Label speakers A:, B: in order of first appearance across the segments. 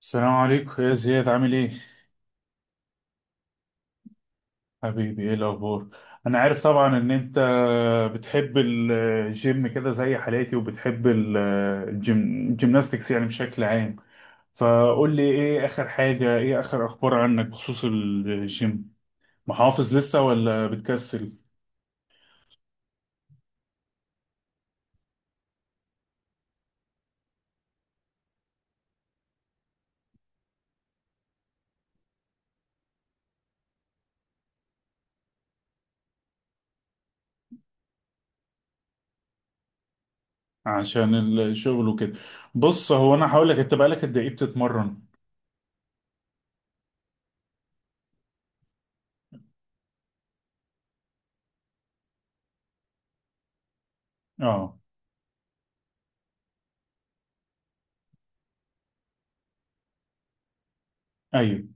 A: السلام عليكم يا زياد، عامل ايه؟ حبيبي، ايه الاخبار؟ انا عارف طبعا ان انت بتحب الجيم كده زي حالاتي، وبتحب الجيم، الجيمناستكس يعني بشكل عام. فقول لي ايه اخر حاجة، ايه اخر اخبار عنك بخصوص الجيم؟ محافظ لسه ولا بتكسل؟ عشان الشغل وكده. بص، هو انا هقول لك، انت بقالك قد ايه بتتمرن؟ اه، ايوه،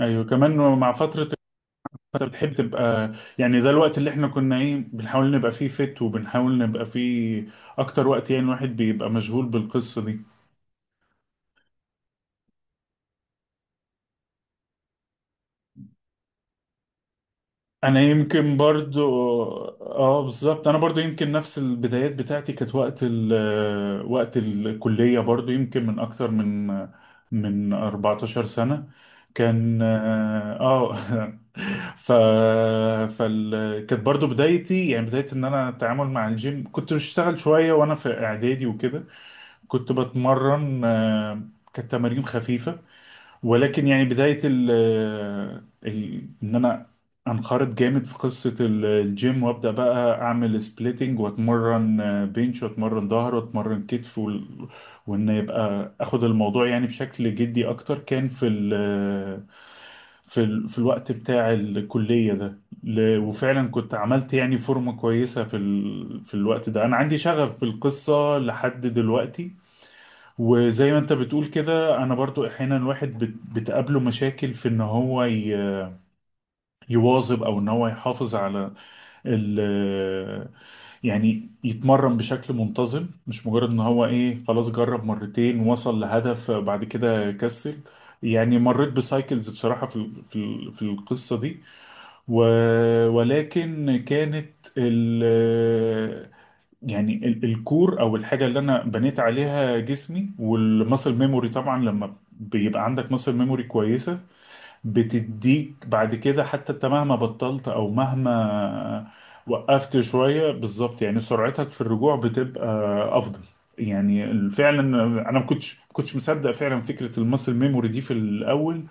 A: ايوه كمان مع فترة. فانت بتحب تبقى، يعني ده الوقت اللي احنا كنا ايه، بنحاول نبقى فيه فت، وبنحاول نبقى فيه اكتر وقت، يعني الواحد بيبقى مشغول بالقصة دي. انا يمكن برضو، اه بالظبط، انا برضو يمكن نفس البدايات بتاعتي كانت وقت ال آه، وقت الكلية، برضو يمكن من اكتر من 14 سنة. كان اه ف فال كانت برضو بدايتي، يعني بداية ان انا اتعامل مع الجيم. كنت بشتغل شوية وانا في اعدادي وكده. كنت بتمرن، كانت تمارين خفيفة. ولكن يعني بداية إن أنا أنخرط جامد في قصة الجيم، وأبدأ بقى أعمل سبليتنج، وأتمرن، بنش، وأتمرن ظهر، وأتمرن كتف وإن يبقى أخد الموضوع يعني بشكل جدي أكتر، كان في ال آه، في ال في الوقت بتاع الكلية ده. وفعلا كنت عملت يعني فورمة كويسة في في الوقت ده. أنا عندي شغف بالقصة لحد دلوقتي. وزي ما انت بتقول كده، انا برضو احيانا الواحد بتقابله مشاكل في ان هو يواظب، او ان هو يحافظ على ال يعني يتمرن بشكل منتظم، مش مجرد ان هو ايه خلاص، جرب مرتين وصل لهدف بعد كده كسل. يعني مريت بسايكلز بصراحة في في القصة دي. ولكن كانت يعني الكور او الحاجه اللي انا بنيت عليها جسمي والمسل ميموري. طبعا لما بيبقى عندك مسل ميموري كويسه، بتديك بعد كده، حتى انت مهما بطلت او مهما وقفت شويه، بالظبط، يعني سرعتك في الرجوع بتبقى افضل. يعني فعلا انا ما كنتش مصدق فعلا فكره المسل ميموري دي في الاول.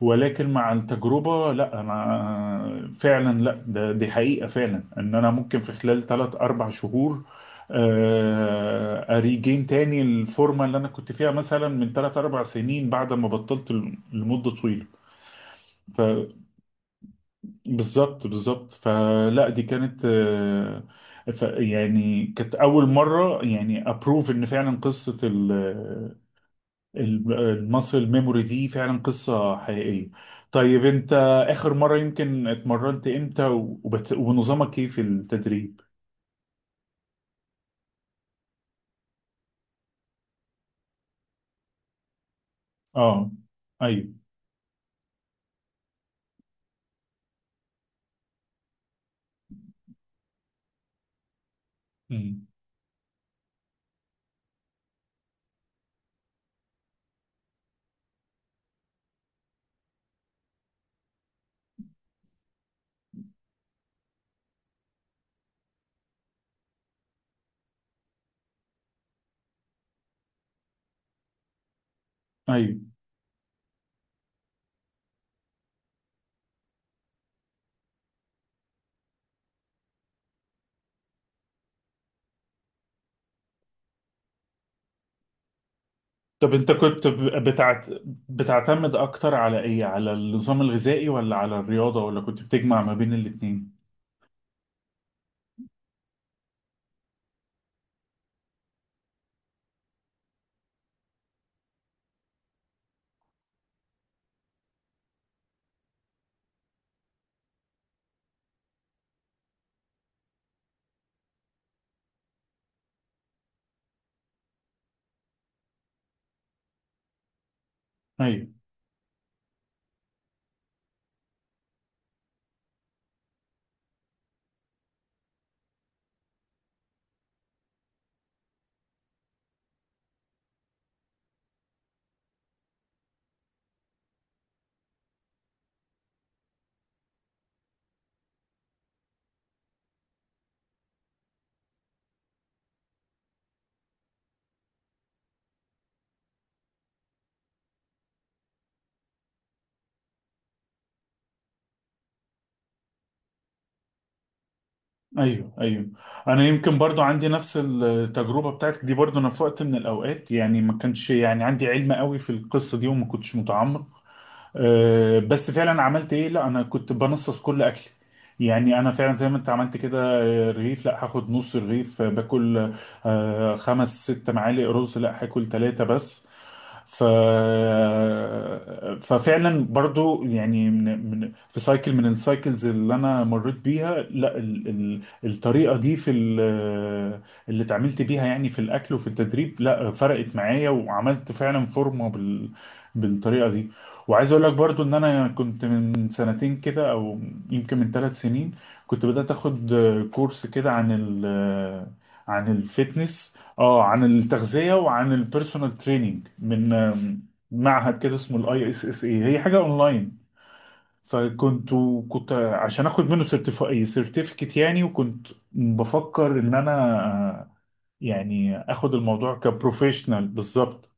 A: ولكن مع التجربة، لا أنا فعلا، لا ده، دي حقيقة، فعلا إن أنا ممكن في خلال ثلاث أربع شهور، أريجين تاني الفورمة اللي أنا كنت فيها مثلا من ثلاث أربع سنين، بعد ما بطلت لمدة طويلة. فبالظبط فلا دي كانت، يعني كانت أول مرة يعني أبروف إن فعلا قصة المصل ميموري دي فعلا قصة حقيقية. طيب انت، اخر مرة يمكن اتمرنت امتى، ونظامك ايه في التدريب؟ اه، ايوه، مم، ايوه. طب انت كنت بتعتمد اكتر على ايه، على النظام الغذائي ولا على الرياضة، ولا كنت بتجمع ما بين الاتنين؟ ايوه، ايوه، ايوه. انا يمكن برضو عندي نفس التجربه بتاعتك دي، برضو انا في وقت من الاوقات يعني ما كانش يعني عندي علم قوي في القصه دي، وما كنتش متعمق. أه، بس فعلا عملت ايه، لا انا كنت بنصص كل اكلي. يعني انا فعلا زي ما انت عملت كده، رغيف لا هاخد نص رغيف، باكل خمس ست معالق رز لا هاكل ثلاثة بس. ف ففعلا برضو، يعني من في سايكل من السايكلز اللي انا مريت بيها، لا الطريقه دي في ال... آه، اللي اتعاملت بيها يعني في الاكل وفي التدريب، لا فرقت معايا، وعملت فعلا فورمه بالطريقه دي. وعايز اقول لك برضو ان انا كنت من سنتين كده او يمكن من ثلاث سنين، كنت بدأت اخد كورس كده عن عن الفيتنس، اه عن التغذية، وعن البيرسونال تريننج من معهد كده اسمه الاي اس اس اي، هي حاجة اونلاين. فكنت كنت عشان اخد منه سيرتيفيكت يعني، وكنت بفكر ان انا، آه، يعني اخد الموضوع كبروفيشنال بالظبط.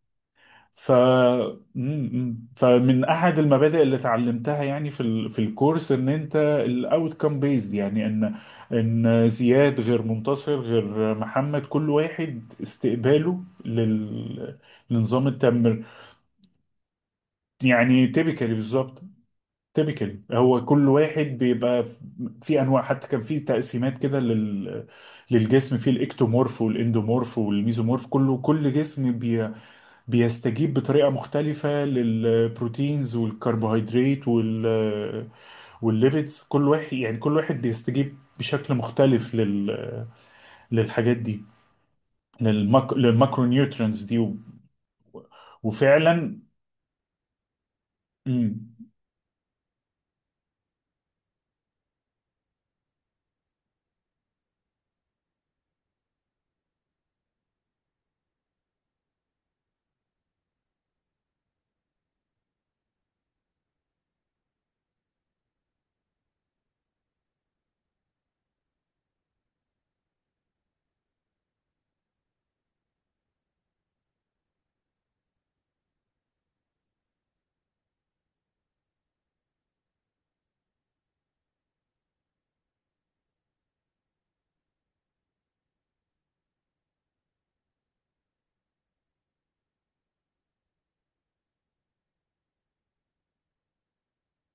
A: ف م- م. فمن احد المبادئ اللي اتعلمتها يعني في في الكورس ان انت الاوت كام بيزد، يعني ان زياد غير منتصر غير محمد، كل واحد استقباله لنظام التمر، يعني تيبيكالي بالظبط. تيبيكالي هو كل واحد بيبقى في انواع، حتى كان في تقسيمات كده للجسم، في الاكتومورف والاندومورف والميزومورف، كله، كل جسم بيستجيب بطريقة مختلفة للبروتينز والكربوهيدرات والليبيدز. كل واحد يعني كل واحد بيستجيب بشكل مختلف للحاجات دي، للماكرو نيوترينز دي وفعلا. مم.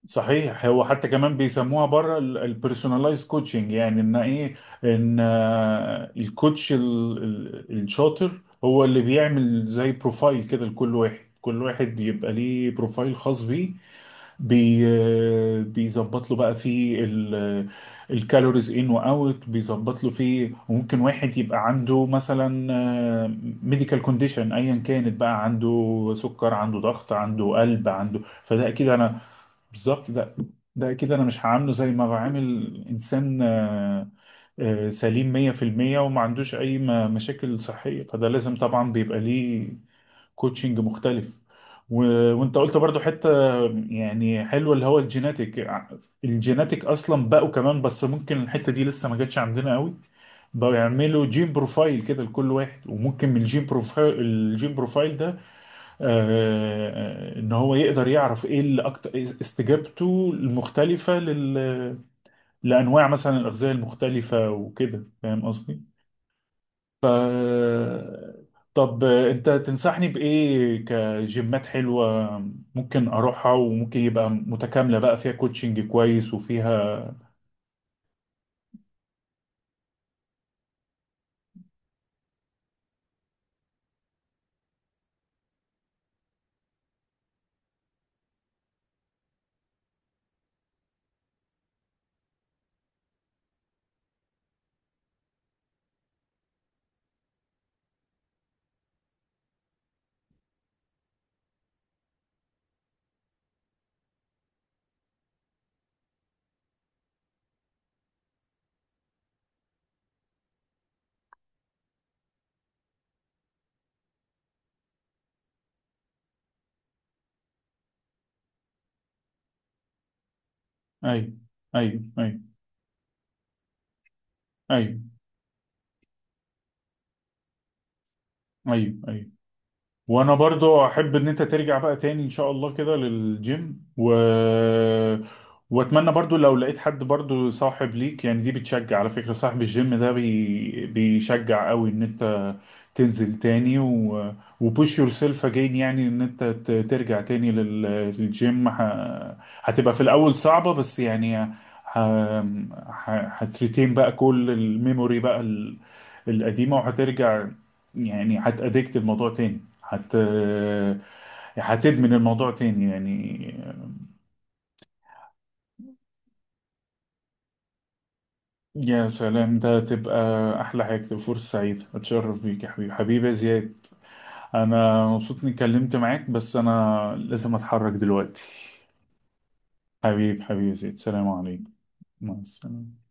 A: صحيح، هو حتى كمان بيسموها بره البيرسوناليزد كوتشنج، يعني ان ايه، ان الكوتش الشاطر هو اللي بيعمل زي بروفايل كده لكل واحد، كل واحد بيبقى ليه بروفايل خاص بيه. بيظبط له بقى فيه الكالوريز ان واوت، بيظبط له فيه. وممكن واحد يبقى عنده مثلا ميديكال كونديشن ايا كانت بقى، عنده سكر، عنده ضغط، عنده قلب، عنده، فده اكيد انا، بالظبط، ده، ده اكيد انا مش هعامله زي ما بعامل انسان، سليم 100%، وما عندوش اي مشاكل صحية. فده لازم طبعا بيبقى ليه كوتشنج مختلف. و... وانت قلت برضو حتة يعني حلوة، اللي هو الجيناتيك. الجيناتيك اصلا بقوا كمان، بس ممكن الحتة دي لسه ما جاتش عندنا قوي. بقوا يعملوا جين بروفايل كده لكل واحد، وممكن من الجين بروفايل ده، آه، ان هو يقدر يعرف ايه اللي اكتر استجابته المختلفة لانواع مثلا الاغذية المختلفة وكده، فاهم قصدي؟ ف طب انت تنصحني بايه كجيمات حلوه ممكن اروحها، وممكن يبقى متكامله بقى فيها كوتشنج كويس وفيها؟ ايوه، ايوه، ايوه، ايوه، ايوه، ايوه. وانا برضو احب ان انت ترجع بقى تاني ان شاء الله كده للجيم، واتمنى برضو لو لقيت حد برضو صاحب ليك، يعني دي بتشجع على فكرة، صاحب الجيم ده بيشجع قوي ان انت تنزل تاني، وبوش يور سيلف اجين، يعني ان انت ترجع تاني للجيم. هتبقى في الاول صعبة، بس يعني ه... هتريتين بقى كل الميموري بقى القديمة، وهترجع. يعني هتأدكت الموضوع تاني، حت هتدمن الموضوع تاني يعني. يا سلام، ده تبقى أحلى حاجة، تبقى فرصة سعيدة، أتشرف بيك يا حبيبي، يا زياد. أنا مبسوط إني اتكلمت معاك، بس أنا لازم أتحرك دلوقتي. حبيبي يا زياد، سلام عليكم. مع السلامة.